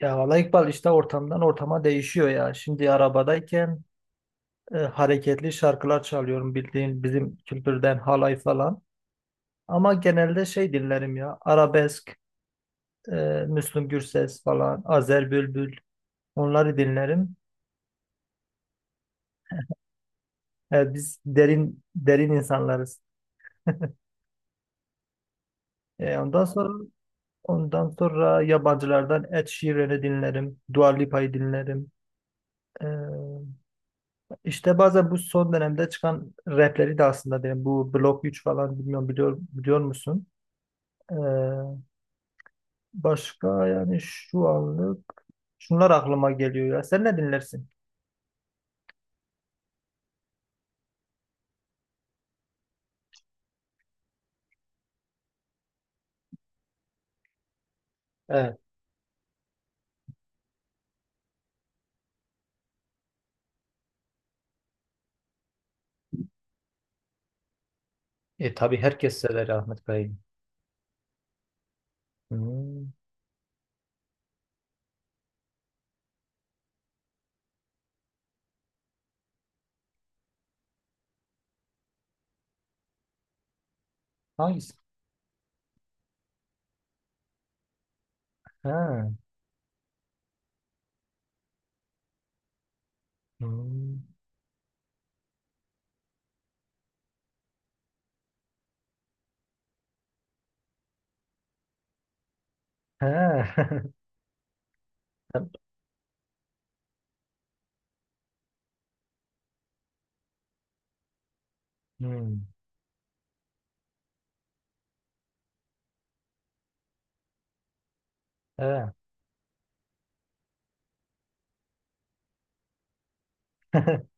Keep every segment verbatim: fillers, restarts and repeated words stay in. Ya valla İkbal işte ortamdan ortama değişiyor ya. Şimdi arabadayken e, hareketli şarkılar çalıyorum bildiğin bizim kültürden halay falan. Ama genelde şey dinlerim ya arabesk, e, Müslüm Gürses falan, Azer Bülbül onları dinlerim. E, biz derin derin insanlarız. E, ondan sonra ondan sonra yabancılardan Ed Sheeran'ı dinlerim, Dua Lipa'yı dinlerim. E, İşte bazen bu son dönemde çıkan rapleri de aslında benim bu Blok üç falan bilmiyorum biliyor, biliyor musun? Ee, başka yani şu anlık şunlar aklıma geliyor ya. Sen ne dinlersin? Evet. E tabii herkes sever Ahmet Kaya'yı. Hmm. Hangisi? Ha. Hmm. Ha. Hmm. Ha.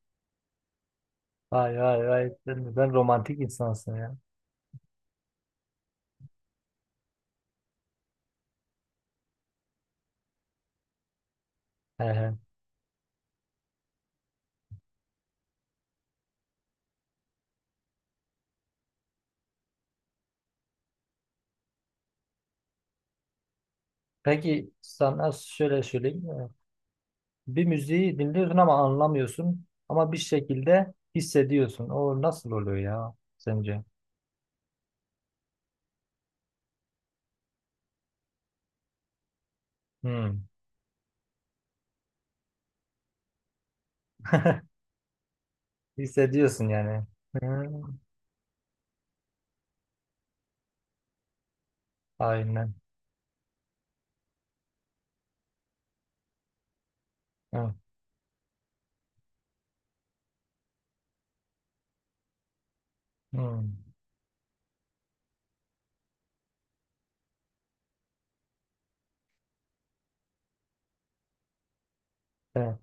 Vay vay vay. Sen, sen romantik insansın ya. He he. Peki sana şöyle söyleyeyim. Bir müziği dinliyorsun ama anlamıyorsun. Ama bir şekilde hissediyorsun. O nasıl oluyor ya sence? Hmm. Hissediyorsun yani. Hmm. Aynen. Hmm. Hmm. Evet.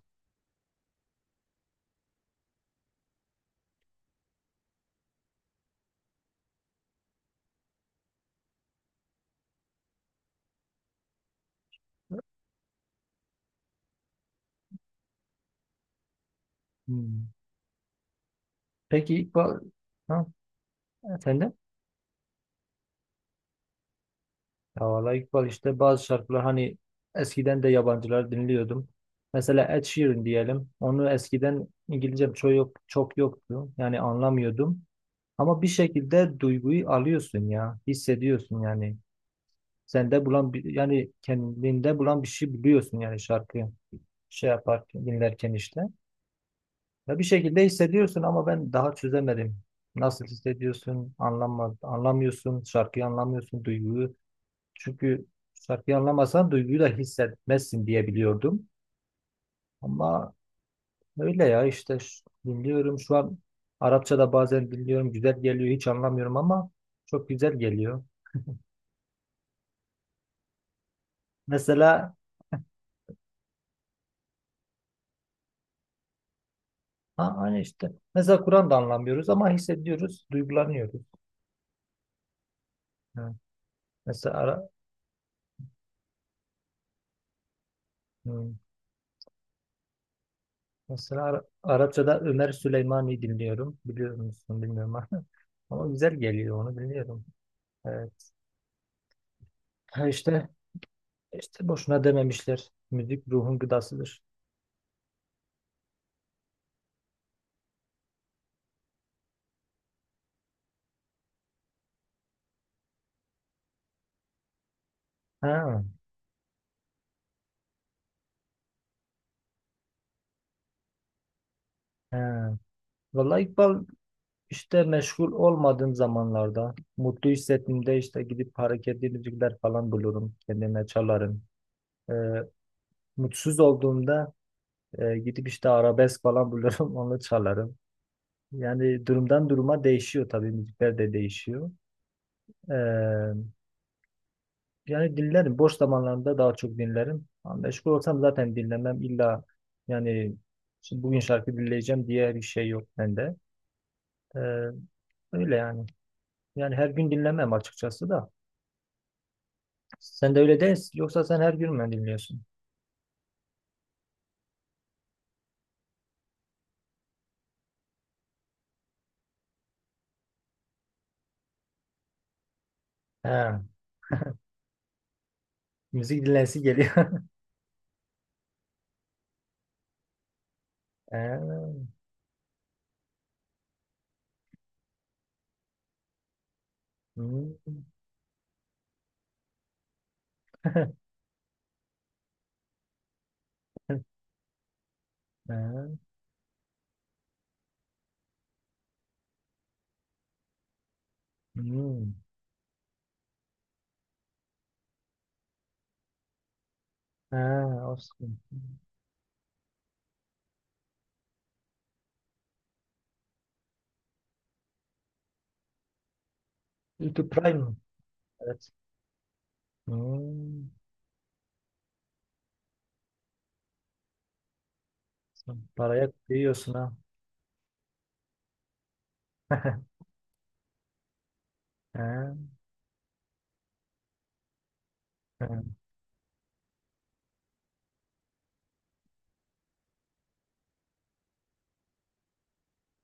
Hmm. Peki İkbal, ha? Efendim? Ya vallahi İkbal işte bazı şarkılar hani eskiden de yabancılar dinliyordum. Mesela Ed Sheeran diyelim. Onu eskiden İngilizcem çok yok, çok yoktu. Yani anlamıyordum. Ama bir şekilde duyguyu alıyorsun ya. Hissediyorsun yani. Sende bulan bir, yani kendinde bulan bir şey biliyorsun yani şarkıyı şey yaparken dinlerken işte. Ya bir şekilde hissediyorsun ama ben daha çözemedim. Nasıl hissediyorsun? Anlamaz, anlamıyorsun. Şarkıyı anlamıyorsun, duyguyu. Çünkü şarkıyı anlamasan duyguyu da hissetmezsin diye biliyordum. Ama öyle ya işte ş- dinliyorum şu an Arapça da bazen dinliyorum. Güzel geliyor. Hiç anlamıyorum ama çok güzel geliyor. Mesela Ha, aynı işte. Mesela Kur'an da anlamıyoruz ama hissediyoruz, duygulanıyoruz. Ha. Mesela Ara, hmm. Mesela Ara- Arapçada Ömer Süleymani dinliyorum. Biliyor musun bilmiyorum ama. Ama güzel geliyor onu biliyorum. Evet. Ha işte işte boşuna dememişler. Müzik ruhun gıdasıdır. Ha, ha. Vallahi İkbal işte meşgul olmadığım zamanlarda mutlu hissettiğimde işte gidip hareketli müzikler falan bulurum. Kendime çalarım. Ee, mutsuz olduğumda E, gidip işte arabesk falan bulurum onu çalarım. Yani durumdan duruma değişiyor tabii müzikler de değişiyor. E, yani dinlerim boş zamanlarında daha çok dinlerim. Ama meşgul olsam zaten dinlemem illa yani şimdi bugün şarkı dinleyeceğim diye bir şey yok bende. E, öyle yani. Yani her gün dinlemem açıkçası da. Sen de öyle değil yoksa sen her gün mü dinliyorsun? He, müzik dinlensi geliyor. He, hmm, he, hmm. Ha, o sıkıntı. YouTube Prime mı? Evet. Hmm. Sen paraya kıyıyorsun ha. Ha, ha.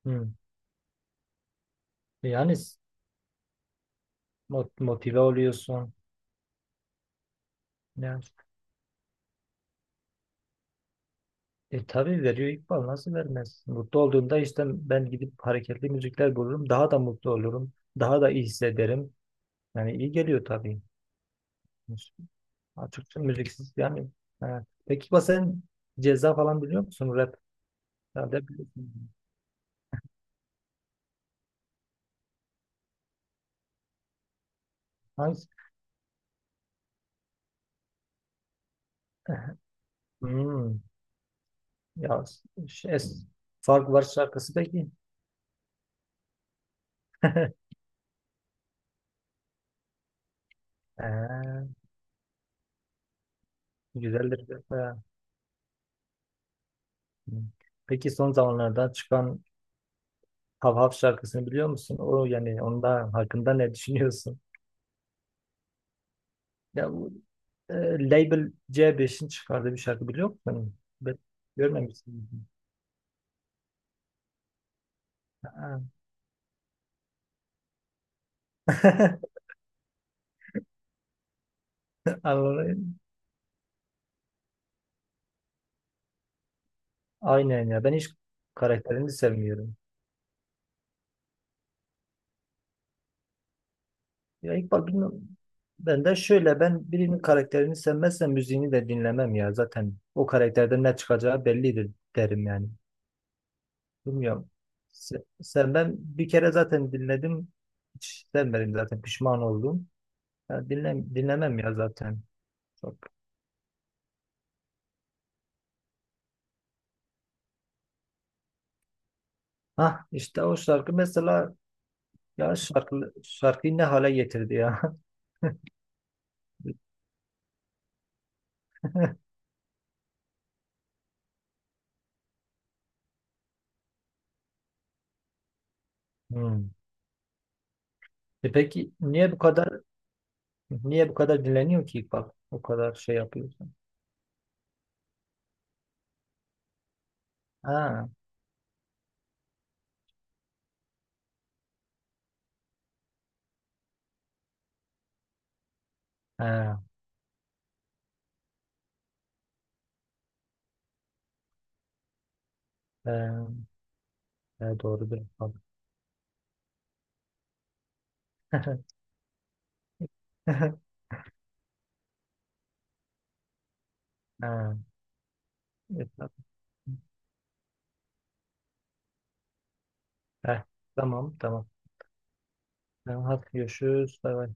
Hmm. Yani s- mot- motive oluyorsun. Yani, e tabii veriyor İkbal nasıl vermez? Mutlu olduğunda işte ben gidip hareketli müzikler bulurum. Daha da mutlu olurum. Daha da iyi hissederim. Yani iyi geliyor tabii. Açıkçası müziksiz yani. Ha. Peki İkbal sen Ceza falan biliyor musun? Rap herhalde biliyorsun. Hangisi? Hmm. Ya ş- es Fark Var şarkısı peki. Ee, güzeldir. De. Ha. Peki son zamanlarda çıkan Hav Hav şarkısını biliyor musun? O yani onda hakkında ne düşünüyorsun? Ya bu e, Label C beşin çıkardığı bir şarkı biliyor musun? Ben görmemişsin. Ha. Anladım. Aynen ya. Ben hiç karakterini sevmiyorum. Ya İkbal bilmem. Ben de şöyle ben birinin karakterini sevmezsem müziğini de dinlemem ya. Zaten o karakterden ne çıkacağı bellidir derim yani. Bilmiyorum. Se- Sevmem. Bir kere zaten dinledim. Hiç sevmedim zaten. Pişman oldum. Ya dinlem dinlemem ya zaten. Çok. Hah işte o şarkı mesela ya şarkı, şarkıyı ne hale getirdi ya. Hmm. E peki niye bu kadar niye bu kadar dinleniyor ki İkbal? O kadar şey yapıyorsun. Ha, ha. Ee, e, doğrudur efendim. Ha, efendim. Heh, tamam tamam. Tamam, hadi görüşürüz. Bay bay.